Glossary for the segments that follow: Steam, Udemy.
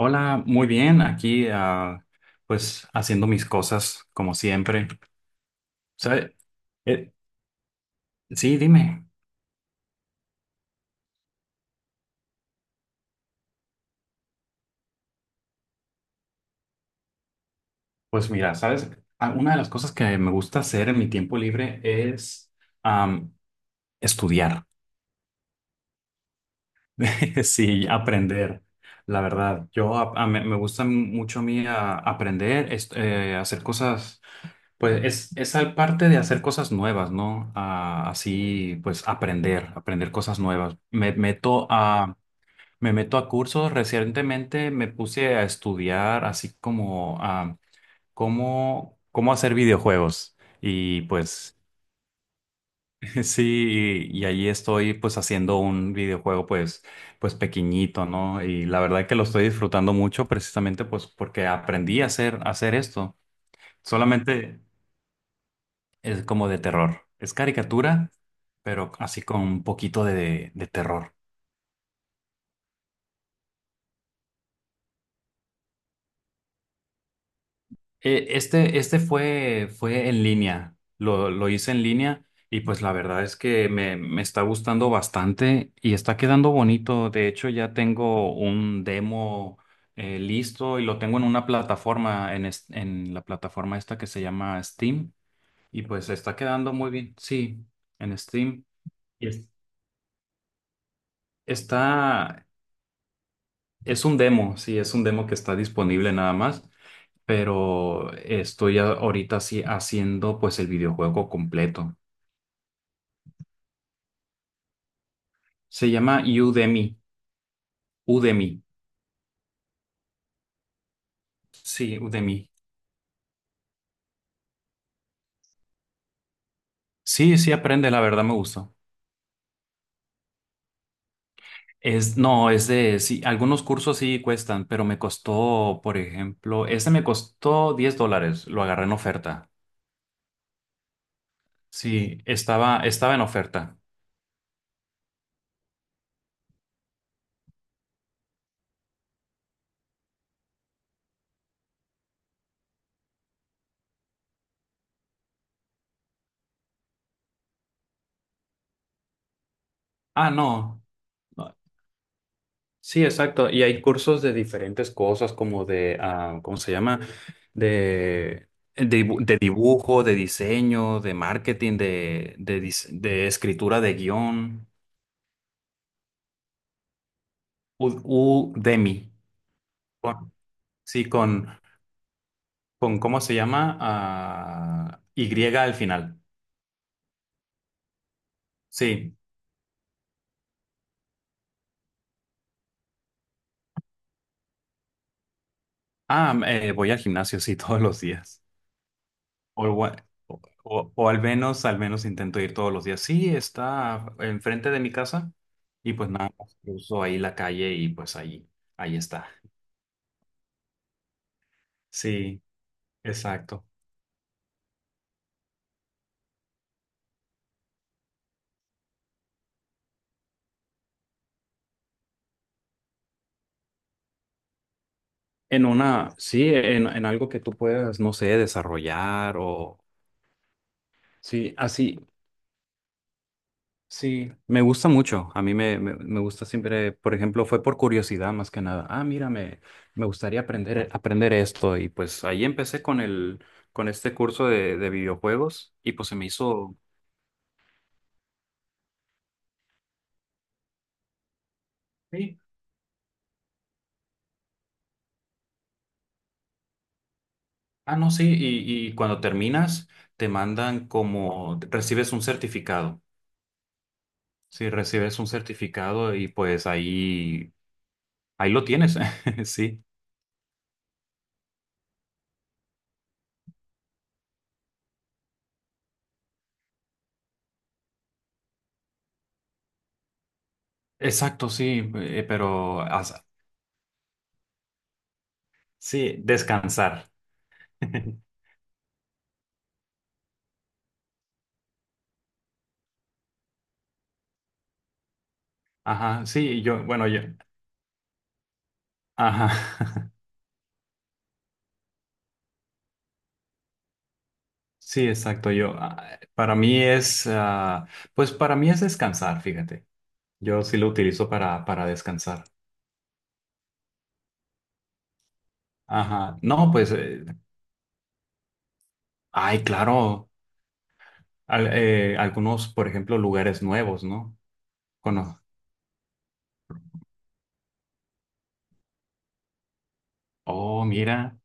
Hola, muy bien, aquí pues haciendo mis cosas como siempre. ¿Sabes? Sí, dime. Pues mira, ¿sabes? Una de las cosas que me gusta hacer en mi tiempo libre es am, estudiar, sí, aprender, la verdad. Yo ap- a- me gusta mucho a mí aprender, hacer cosas, es al parte de hacer cosas nuevas, ¿no? Así, pues aprender cosas nuevas. Me meto a cursos. Recientemente me puse a estudiar así como cómo hacer videojuegos. Y pues sí, y ahí estoy pues haciendo un videojuego, pues pequeñito, ¿no? Y la verdad que lo estoy disfrutando mucho precisamente pues porque aprendí a a hacer esto. Solamente es como de terror. Es caricatura, pero así con un poquito de terror. Este fue en línea, lo hice en línea y pues la verdad es que me está gustando bastante y está quedando bonito. De hecho, ya tengo un demo listo y lo tengo en una plataforma, en la plataforma esta que se llama Steam y pues está quedando muy bien. Sí, en Steam. Y es- Está, es un demo, sí, es un demo que está disponible nada más, pero estoy ahorita sí haciendo pues el videojuego completo. Se llama Udemy, Udemy. Sí, Udemy. Sí, sí aprende, la verdad me gustó. Es, no, es de, Sí, algunos cursos sí cuestan, pero me costó, por ejemplo, este me costó 10 dólares, lo agarré en oferta. Sí, estaba en oferta. Ah, no. No, sí, exacto. Y hay cursos de diferentes cosas, como de ¿cómo se llama? De, de dibujo, de diseño, de marketing, de escritura de guión. U- Udemy. Con- sí, con, ¿Cómo se llama? Y al final. Sí. Voy al gimnasio, sí, todos los días. O, igua- o- O al menos intento ir todos los días. Sí, está enfrente de mi casa y pues nada, más cruzo ahí la calle y pues ahí, ahí está. Sí, exacto. En una, sí, en algo que tú puedas, no sé, desarrollar o… Sí, así. Sí, me gusta mucho. A mí me, me, Me gusta siempre, por ejemplo, fue por curiosidad más que nada. Me gustaría aprender esto. Y pues ahí empecé con este curso de videojuegos y pues se me hizo… Sí. No, sí. Y cuando terminas, te mandan como, recibes un certificado. Sí, recibes un certificado y pues ahí, ahí lo tienes. Sí. Exacto, sí. Sí, descansar. Ajá, bueno, ajá, sí, exacto, para mí es, pues para mí es descansar, fíjate, yo sí lo utilizo para descansar, ajá, no, pues, ay, claro, algunos, por ejemplo, lugares nuevos, ¿no? Cono- oh, mira,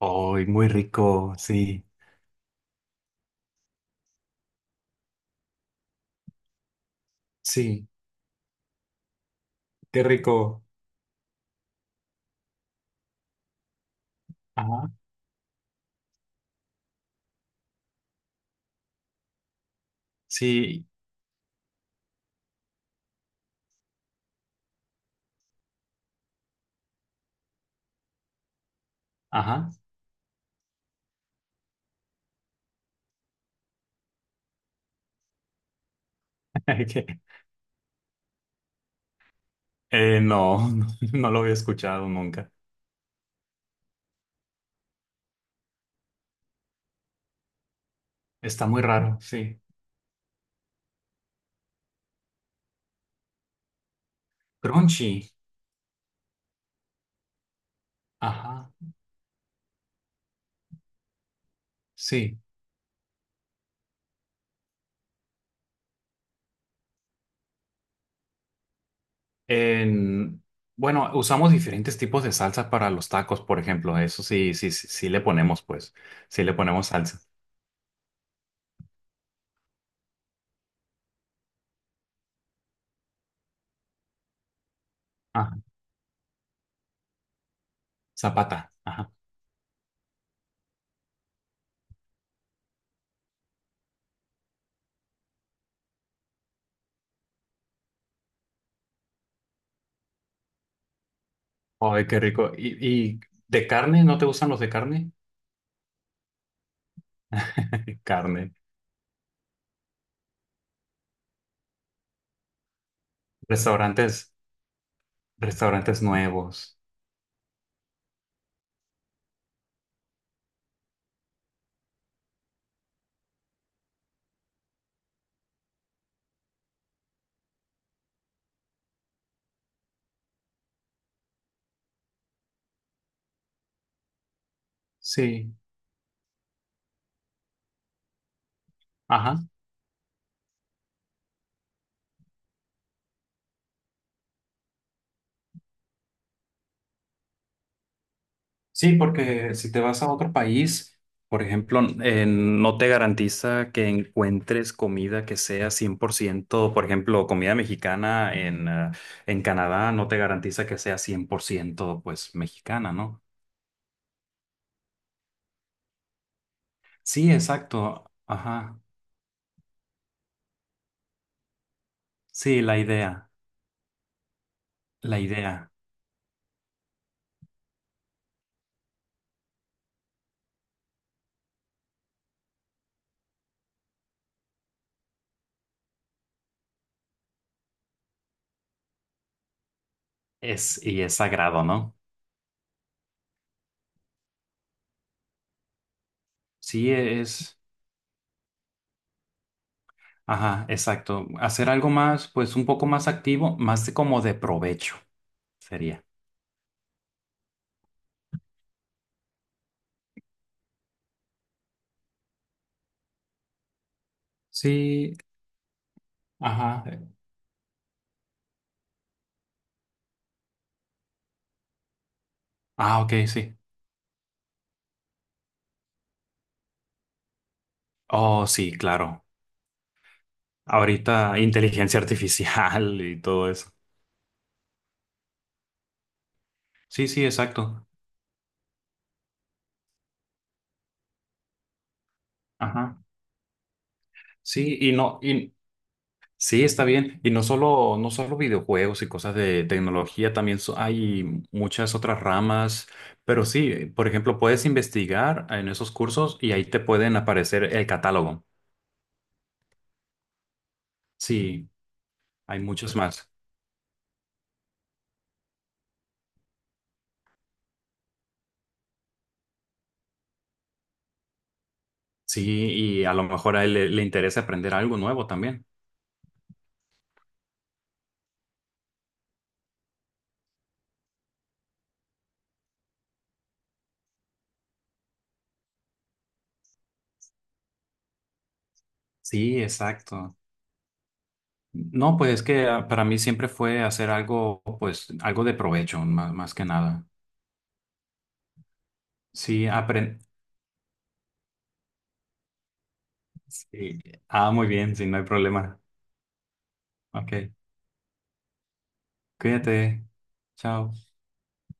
ay, muy rico, sí, sí, qué rico, ajá, sí, ajá, No, no lo había escuchado nunca, está muy raro, sí. Crunchy. Ajá, sí. En, bueno, usamos diferentes tipos de salsas para los tacos, por ejemplo. Eso sí, sí le ponemos, pues, sí le ponemos salsa. Ajá, zapata. Ajá. Ay, qué rico. ¿Y de carne? ¿No te gustan los de carne? Carne. Restaurantes, restaurantes nuevos. Sí. Ajá. Sí, porque si te vas a otro país, por ejemplo, no te garantiza que encuentres comida que sea 100%, por ejemplo, comida mexicana en Canadá no te garantiza que sea 100% pues mexicana, ¿no? Sí, exacto. Ajá. Sí, la idea es y es sagrado, ¿no? Sí, es, ajá, exacto. Hacer algo más, pues un poco más activo, más de como de provecho sería. Sí, ajá. Ah, ok, sí. Oh, sí, claro. Ahorita inteligencia artificial y todo eso. Sí, sí, exacto. Ajá. Sí, y no, Y sí, está bien. No solo videojuegos y cosas de tecnología, también hay muchas otras ramas. Pero sí, por ejemplo, puedes investigar en esos cursos y ahí te pueden aparecer el catálogo. Sí, hay muchos más. Sí, y a lo mejor a él le interesa aprender algo nuevo también. Sí, exacto. No, pues es que para mí siempre fue hacer algo, pues algo de provecho, más, más que nada. Sí, aprende. Ah, muy bien, sí, no hay problema. Ok, cuídate. Chao.